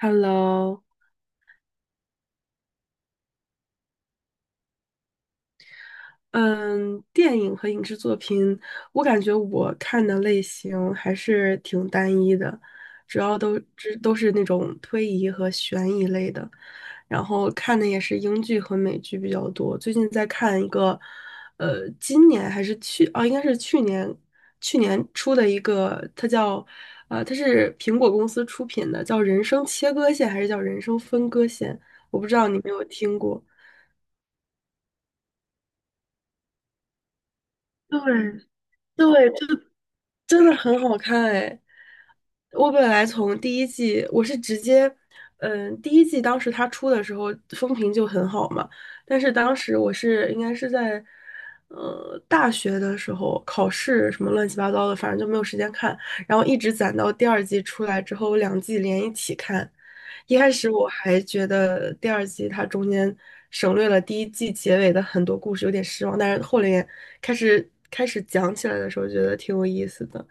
Hello，嗯，电影和影视作品，我感觉我看的类型还是挺单一的，主要都是那种推移和悬疑类的，然后看的也是英剧和美剧比较多。最近在看一个，今年还是去啊，应该是去年出的一个，它是苹果公司出品的，叫《人生切割线》还是叫《人生分割线》，我不知道你有没有听过。对对，这真的很好看哎！我本来从第一季，我是直接，第一季当时它出的时候风评就很好嘛，但是当时应该是在，大学的时候考试什么乱七八糟的，反正就没有时间看，然后一直攒到第二季出来之后，我两季连一起看。一开始我还觉得第二季它中间省略了第一季结尾的很多故事，有点失望，但是后来开始讲起来的时候，觉得挺有意思的。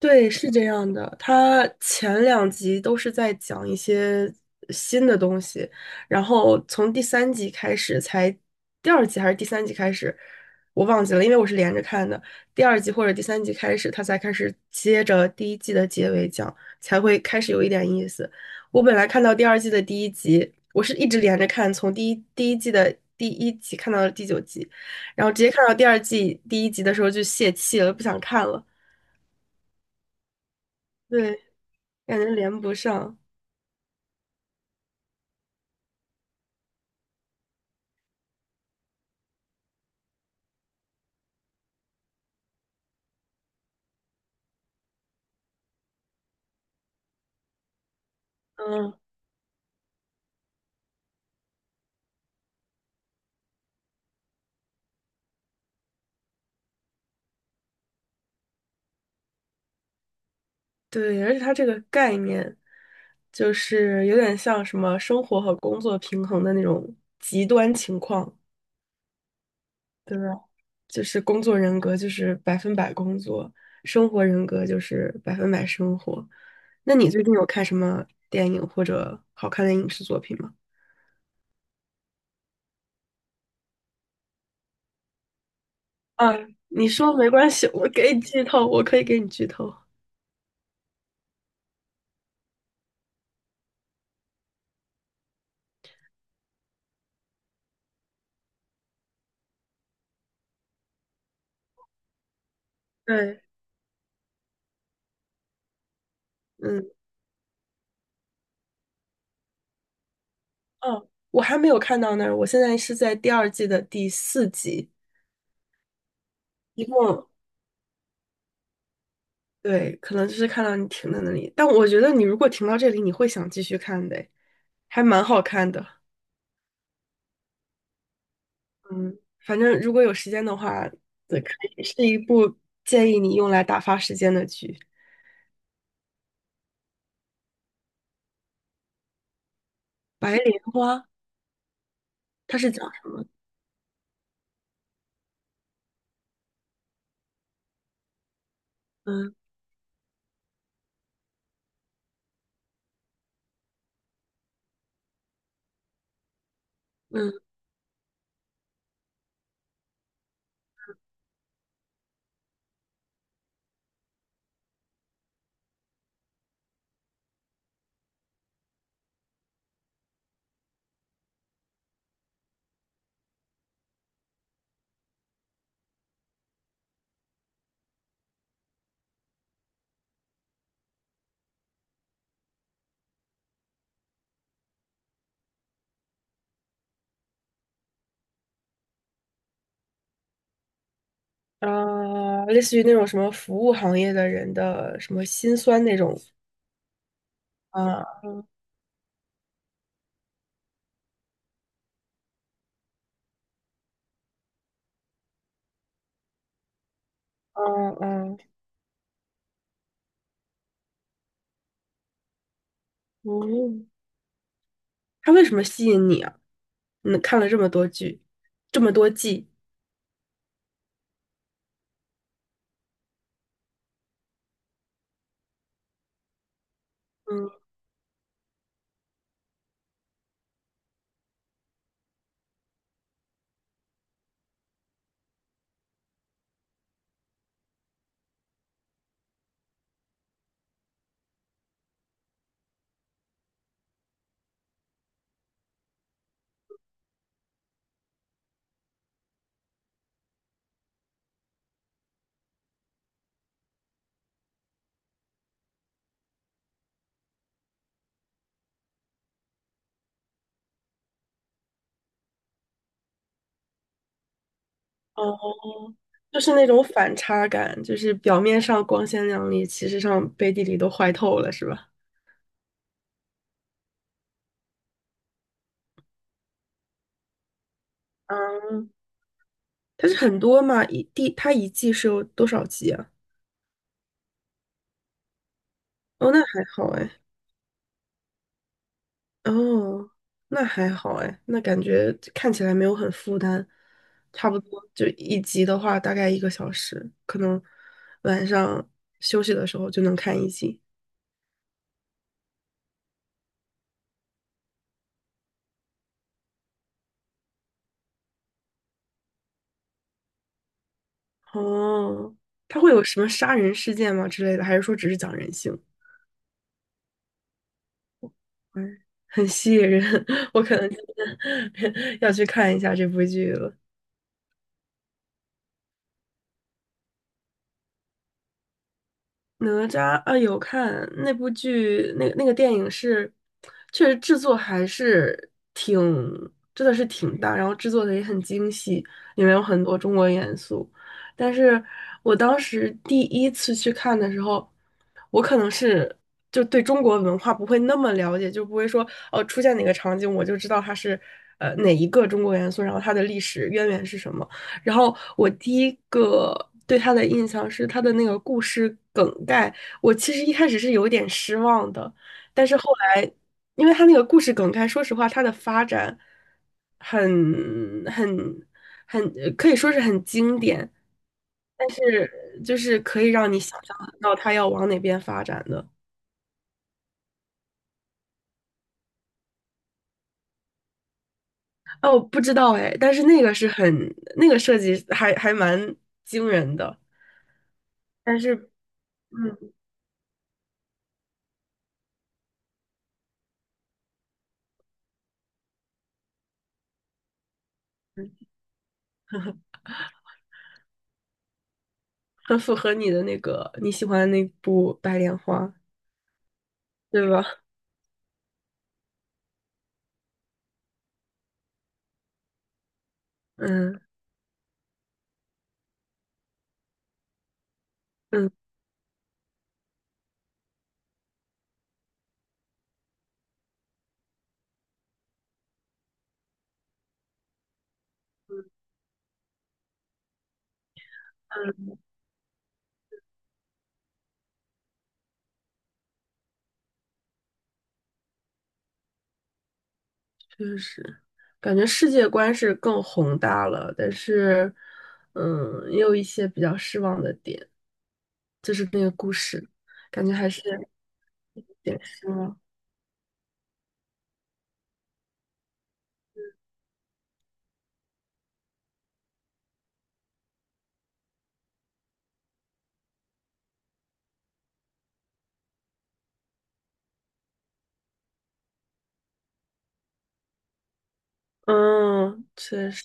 对，是这样的，它前两集都是在讲一些新的东西，然后从第三集开始才，第二集还是第三集开始，我忘记了，因为我是连着看的，第二集或者第三集开始，它才开始接着第一季的结尾讲，才会开始有一点意思。我本来看到第二季的第一集，我是一直连着看，从第一季的第一集看到了第九集，然后直接看到第二季第一集的时候就泄气了，不想看了。对。感觉连不上。嗯，对，而且它这个概念，就是有点像什么生活和工作平衡的那种极端情况，对吧？就是工作人格就是百分百工作，生活人格就是百分百生活。那你最近有看什么电影或者好看的影视作品吗？啊，你说没关系，我给你剧透，我可以给你剧透。对，嗯，哦，我还没有看到那儿，我现在是在第二季的第四集。一共，对，可能就是看到你停在那里。但我觉得你如果停到这里，你会想继续看的还蛮好看的。嗯，反正如果有时间的话，对，可以是一部建议你用来打发时间的剧。《白莲花》它是讲什么的？嗯嗯，类似于那种什么服务行业的人的什么辛酸那种。啊 啊嗯嗯，它为什么吸引你啊？你看了这么多剧，这么多季。嗯哦。就是那种反差感，就是表面上光鲜亮丽，其实上背地里都坏透了，是吧？嗯，它是很多嘛，它一季是有多少集啊？哦，那还好哎，哦，那还好哎，那感觉看起来没有很负担，差不多就一集的话大概一个小时，可能晚上休息的时候就能看一集。哦，它会有什么杀人事件吗之类的，还是说只是讲人性？嗯很吸引人，我可能今天 要去看一下这部剧了。哪吒啊，有看那部剧，那个电影是，确实制作还是挺，真的是挺大，然后制作的也很精细，里面有很多中国元素。但是我当时第一次去看的时候，我可能是就对中国文化不会那么了解，就不会说哦，出现哪个场景我就知道它是哪一个中国元素，然后它的历史渊源是什么。然后我第一个对他的印象是他的那个故事梗概，我其实一开始是有点失望的，但是后来，因为他那个故事梗概，说实话，他的发展很很很可以说是很经典，但是就是可以让你想象得到他要往哪边发展的。哦，不知道哎，但是那个是很那个设计还蛮惊人的，但是嗯。很符合你的那个你喜欢的那部《白莲花》，对吧？嗯嗯嗯，确实，感觉世界观是更宏大了，但是，也有一些比较失望的点，就是那个故事，感觉还是有点失望。嗯，确实。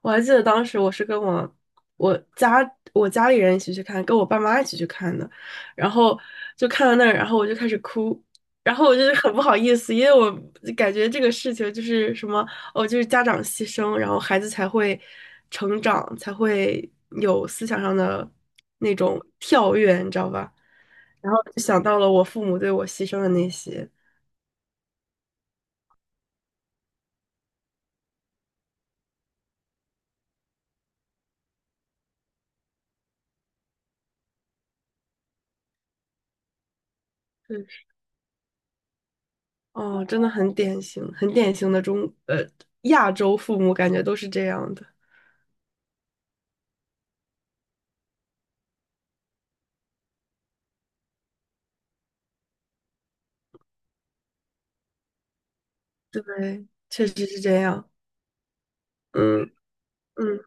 我还记得当时我是跟我家我家里人一起去看，跟我爸妈一起去看的，然后就看到那儿，然后我就开始哭，然后我就 是很不好意思，因为我感觉这个事情就是什么哦，就是家长牺牲，然后孩子才会成长，才会有思想上的那种跳跃，你知道吧？然后就想到了我父母对我牺牲的那些。嗯，哦，真的很典型，很典型的呃，亚洲父母感觉都是这样的。对，确实是这样。嗯嗯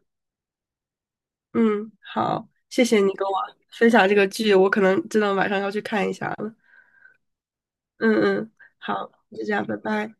嗯，好，谢谢你跟我分享这个剧，我可能真的晚上要去看一下了。嗯嗯，好，就这样，拜拜。